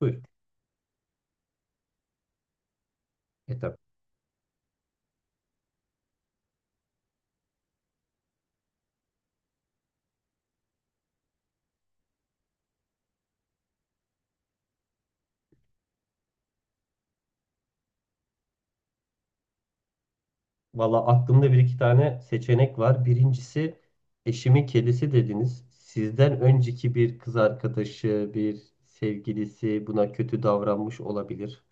Buyurun. Etap. Valla aklımda bir iki tane seçenek var. Birincisi eşimin kedisi dediniz. Sizden önceki bir kız arkadaşı, bir sevgilisi buna kötü davranmış olabilir.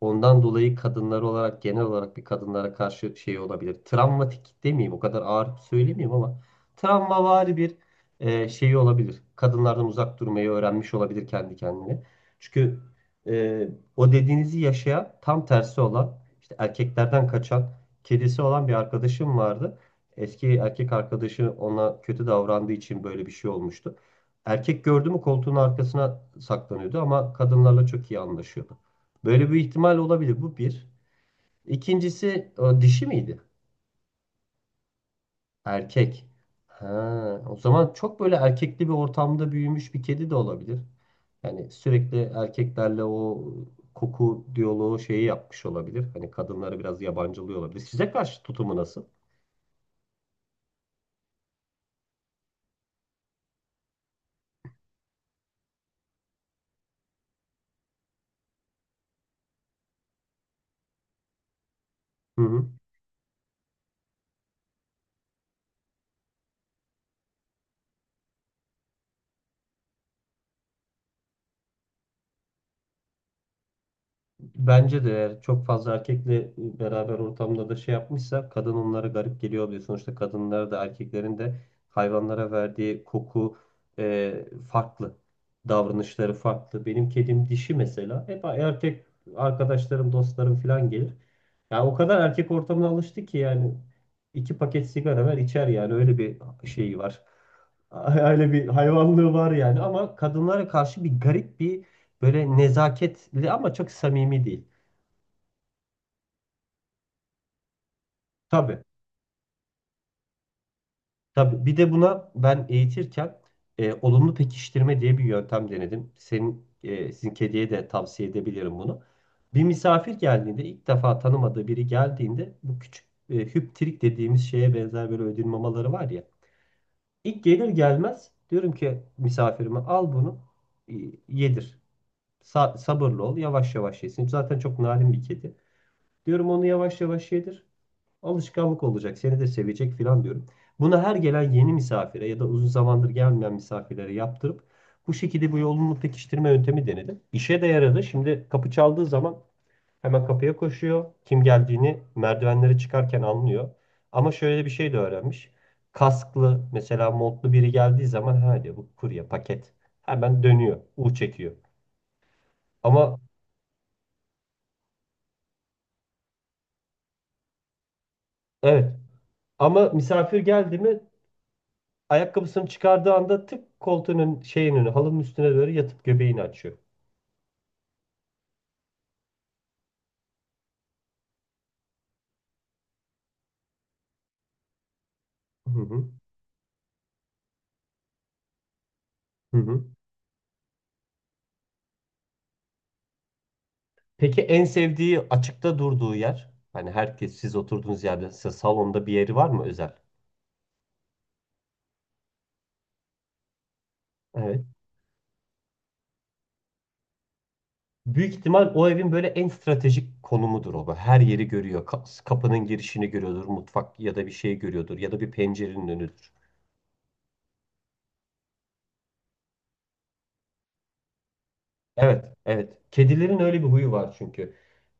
Ondan dolayı kadınlar olarak genel olarak bir kadınlara karşı şey olabilir. Travmatik demeyeyim o kadar ağır söylemeyeyim ama travmavari bir şey olabilir. Kadınlardan uzak durmayı öğrenmiş olabilir kendi kendine. Çünkü e, o dediğinizi yaşayan tam tersi olan işte erkeklerden kaçan kedisi olan bir arkadaşım vardı. Eski erkek arkadaşı ona kötü davrandığı için böyle bir şey olmuştu. Erkek gördü mü koltuğun arkasına saklanıyordu ama kadınlarla çok iyi anlaşıyordu. Böyle bir ihtimal olabilir. Bu bir. İkincisi, o dişi miydi? Erkek. Ha, o zaman çok böyle erkekli bir ortamda büyümüş bir kedi de olabilir. Yani sürekli erkeklerle o koku diyaloğu şeyi yapmış olabilir. Hani kadınları biraz yabancılıyor olabilir. Size karşı tutumu nasıl? Hı hı. Bence de eğer çok fazla erkekle beraber ortamda da şey yapmışsa kadın onlara garip geliyor oluyor. Sonuçta kadınlar da erkeklerin de hayvanlara verdiği koku e, farklı. Davranışları farklı. Benim kedim dişi mesela. Hep erkek arkadaşlarım, dostlarım falan gelir. Ya o kadar erkek ortamına alıştı ki yani iki paket sigara ver içer, yani öyle bir şeyi var. Öyle bir hayvanlığı var yani, ama kadınlara karşı bir garip bir, böyle nezaketli ama çok samimi değil. Tabii, tabii. Bir de buna ben eğitirken olumlu pekiştirme diye bir yöntem denedim. Senin, sizin kediye de tavsiye edebilirim bunu. Bir misafir geldiğinde, ilk defa tanımadığı biri geldiğinde, bu küçük hüptirik dediğimiz şeye benzer böyle ödül mamaları var ya. İlk gelir gelmez diyorum ki misafirime, al bunu e, yedir. Sabırlı ol, yavaş yavaş yesin. Zaten çok narin bir kedi. Diyorum, onu yavaş yavaş yedir. Alışkanlık olacak, seni de sevecek filan diyorum. Bunu her gelen yeni misafire ya da uzun zamandır gelmeyen misafirlere yaptırıp bu şekilde bu yolunu pekiştirme yöntemi denedim. İşe de yaradı. Şimdi kapı çaldığı zaman hemen kapıya koşuyor. Kim geldiğini merdivenlere çıkarken anlıyor. Ama şöyle bir şey de öğrenmiş. Kasklı, mesela montlu biri geldiği zaman, ha diyor, bu kurye paket. Hemen dönüyor, U çekiyor. Ama evet, ama misafir geldi mi, ayakkabısını çıkardığı anda tık koltuğunun şeyin önü, halının üstüne doğru yatıp göbeğini açıyor. Hı hı. Hı hı. Peki en sevdiği açıkta durduğu yer? Hani herkes siz oturduğunuz yerde, size salonda bir yeri var mı özel? Evet. Büyük ihtimal o evin böyle en stratejik konumudur o. Böyle her yeri görüyor. Kapının girişini görüyordur. Mutfak ya da bir şey görüyordur. Ya da bir pencerenin önüdür. Evet, evet. Kedilerin öyle bir huyu var çünkü.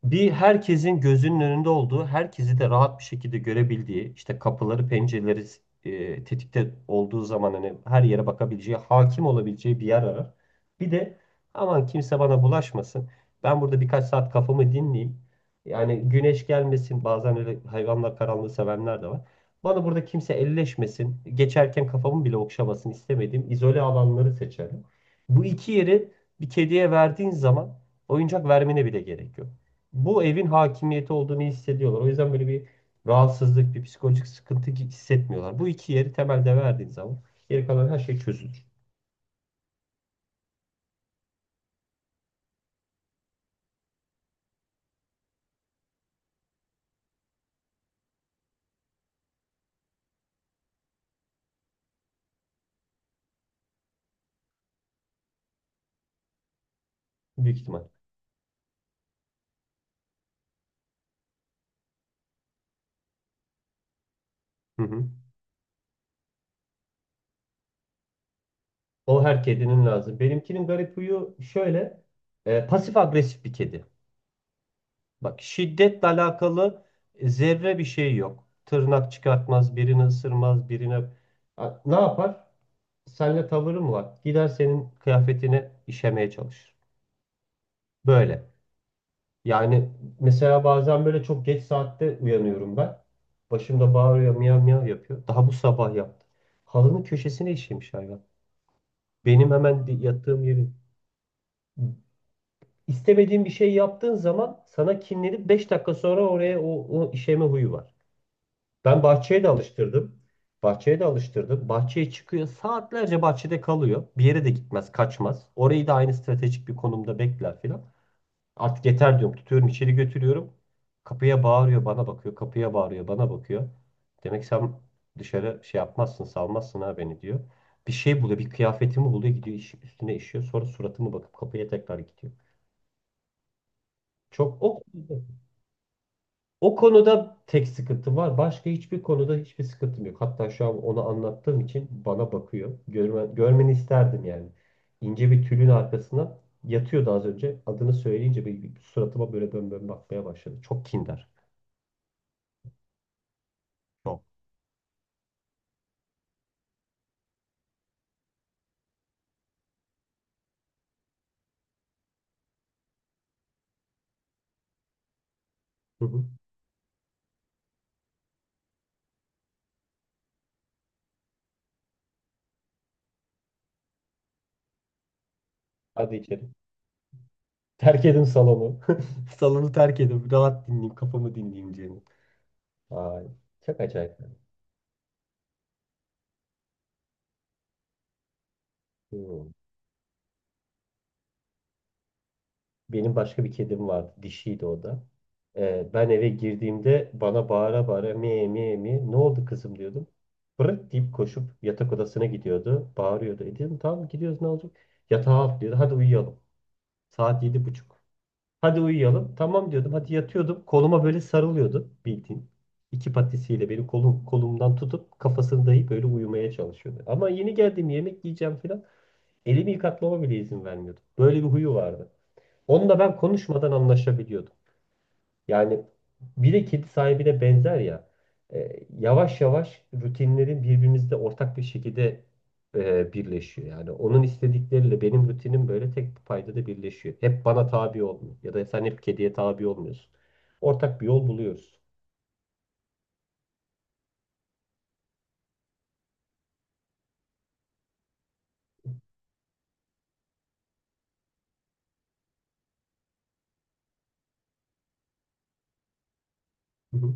Bir herkesin gözünün önünde olduğu, herkesi de rahat bir şekilde görebildiği, işte kapıları, pencereleri tetikte olduğu zaman hani her yere bakabileceği, hakim olabileceği bir yer arar. Bir de aman kimse bana bulaşmasın. Ben burada birkaç saat kafamı dinleyeyim. Yani güneş gelmesin. Bazen öyle hayvanlar, karanlığı sevenler de var. Bana burada kimse elleşmesin, geçerken kafamı bile okşamasın istemediğim izole alanları seçerim. Bu iki yeri bir kediye verdiğin zaman oyuncak vermene bile gerek yok. Bu evin hakimiyeti olduğunu hissediyorlar. O yüzden böyle bir rahatsızlık, bir psikolojik sıkıntı hissetmiyorlar. Bu iki yeri temelde verdiğin zaman geri kalan her şey çözülür. Büyük ihtimal. Hı hı. O her kedinin lazım. Benimkinin garip huyu şöyle. Pasif agresif bir kedi. Bak, şiddetle alakalı zerre bir şey yok. Tırnak çıkartmaz, birini ısırmaz, birine... Ha, ne yapar? Seninle tavırı mı var? Gider senin kıyafetine işemeye çalışır. Böyle. Yani mesela bazen böyle çok geç saatte uyanıyorum ben. Başımda bağırıyor, miyav miyav yapıyor. Daha bu sabah yaptı. Halının köşesine işemiş hayvan. Benim hemen yattığım yerin. İstemediğin bir şey yaptığın zaman sana kinlenip beş dakika sonra oraya, o işeme huyu var. Ben bahçeye de alıştırdım. Bahçeye de alıştırdım. Bahçeye çıkıyor. Saatlerce bahçede kalıyor. Bir yere de gitmez, kaçmaz. Orayı da aynı stratejik bir konumda bekler filan. Artık yeter diyorum. Tutuyorum, içeri götürüyorum. Kapıya bağırıyor, bana bakıyor. Kapıya bağırıyor, bana bakıyor. Demek sen dışarı şey yapmazsın, salmazsın ha beni, diyor. Bir şey buluyor, bir kıyafetimi buluyor, gidiyor, üstüne işiyor. Sonra suratıma bakıp kapıya tekrar gidiyor. Çok o. O konuda tek sıkıntım var. Başka hiçbir konuda hiçbir sıkıntım yok. Hatta şu an onu anlattığım için bana bakıyor. Görme, görmeni isterdim yani. İnce bir tülün arkasına yatıyordu az önce. Adını söyleyince bir suratıma böyle bön bön bakmaya başladı. Çok kindar. Çok. Hı hı. Hadi içeri. Terk edin salonu. Salonu terk edin. Rahat dinleyeyim, kafamı dinleyeyim diye. Ay, çok acayip yani. Hı. Benim başka bir kedim vardı. Dişiydi o da. Ben eve girdiğimde bana bağıra bağıra mi mi mi, ne oldu kızım, diyordum. Bırak deyip koşup yatak odasına gidiyordu. Bağırıyordu. E dedim, tamam gidiyoruz, ne olacak? Yatağa atlıyordu. Hadi uyuyalım. Saat yedi buçuk. Hadi uyuyalım. Tamam diyordum. Hadi yatıyordum. Koluma böyle sarılıyordu bildiğin. İki patisiyle benim kolum, kolumdan tutup kafasını dayayıp böyle uyumaya çalışıyordu. Ama yeni geldim, yemek yiyeceğim falan. Elimi yıkatmama bile izin vermiyordu. Böyle bir huyu vardı. Onunla ben konuşmadan anlaşabiliyordum. Yani bir de kedi sahibine benzer ya. Yavaş yavaş rutinlerin birbirimizde ortak bir şekilde birleşiyor. Yani onun istedikleriyle benim rutinim böyle tek bir paydada birleşiyor. Hep bana tabi olmuyor. Ya da sen hep kediye tabi olmuyorsun. Ortak bir yol buluyoruz. Hı hı.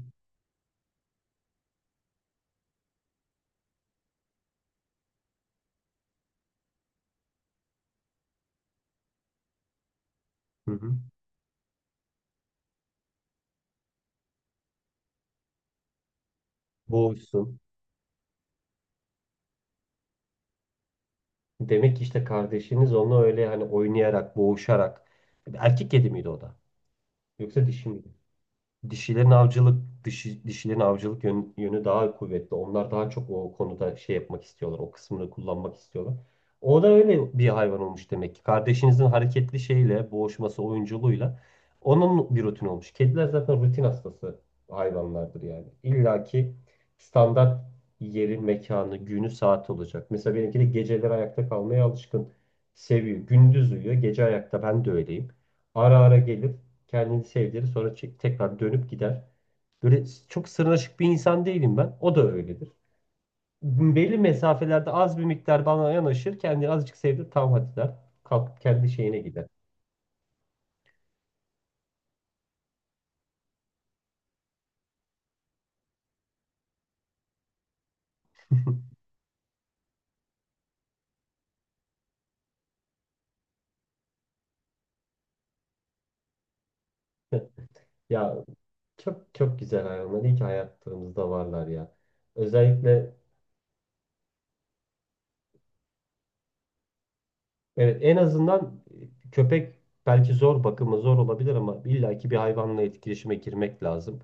Hı hı. Boğuşsun. Demek ki işte kardeşiniz onunla öyle hani oynayarak, boğuşarak. Erkek kedi miydi o da? Yoksa dişi mi? dişilerin avcılık Dişi, dişilerin avcılık yönü daha kuvvetli. Onlar daha çok o konuda şey yapmak istiyorlar. O kısmını kullanmak istiyorlar. O da öyle bir hayvan olmuş demek ki. Kardeşinizin hareketli şeyle, boğuşması, oyunculuğuyla onun bir rutin olmuş. Kediler zaten rutin hastası hayvanlardır yani. İlla ki standart yeri, mekanı, günü, saati olacak. Mesela benimki de geceleri ayakta kalmaya alışkın. Seviyor. Gündüz uyuyor, gece ayakta. Ben de öyleyim. Ara ara gelir. Kendini sevdirir, sonra tekrar dönüp gider. Böyle çok sırnaşık bir insan değilim ben. O da öyledir. Belli mesafelerde az bir miktar bana yanaşır. Kendini azıcık sevdir, tamam hadi, der. Kalkıp kendi şeyine gider. Ya, çok çok güzel hayvanlar. İyi ki hayatlarımızda varlar ya. Özellikle, evet, en azından köpek belki zor, bakımı zor olabilir, ama illaki bir hayvanla etkileşime girmek lazım.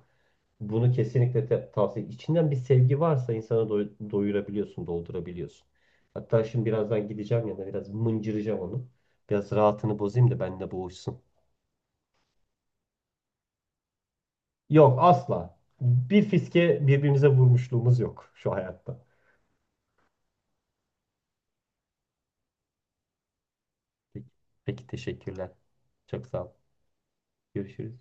Bunu kesinlikle tavsiye. İçinden bir sevgi varsa insanı doyurabiliyorsun, doldurabiliyorsun. Hatta şimdi birazdan gideceğim yanına, biraz mıncıracağım onu. Biraz rahatını bozayım da benimle boğuşsun. Yok, asla. Bir fiske birbirimize vurmuşluğumuz yok şu hayatta. Peki, peki teşekkürler. Çok sağ ol. Görüşürüz.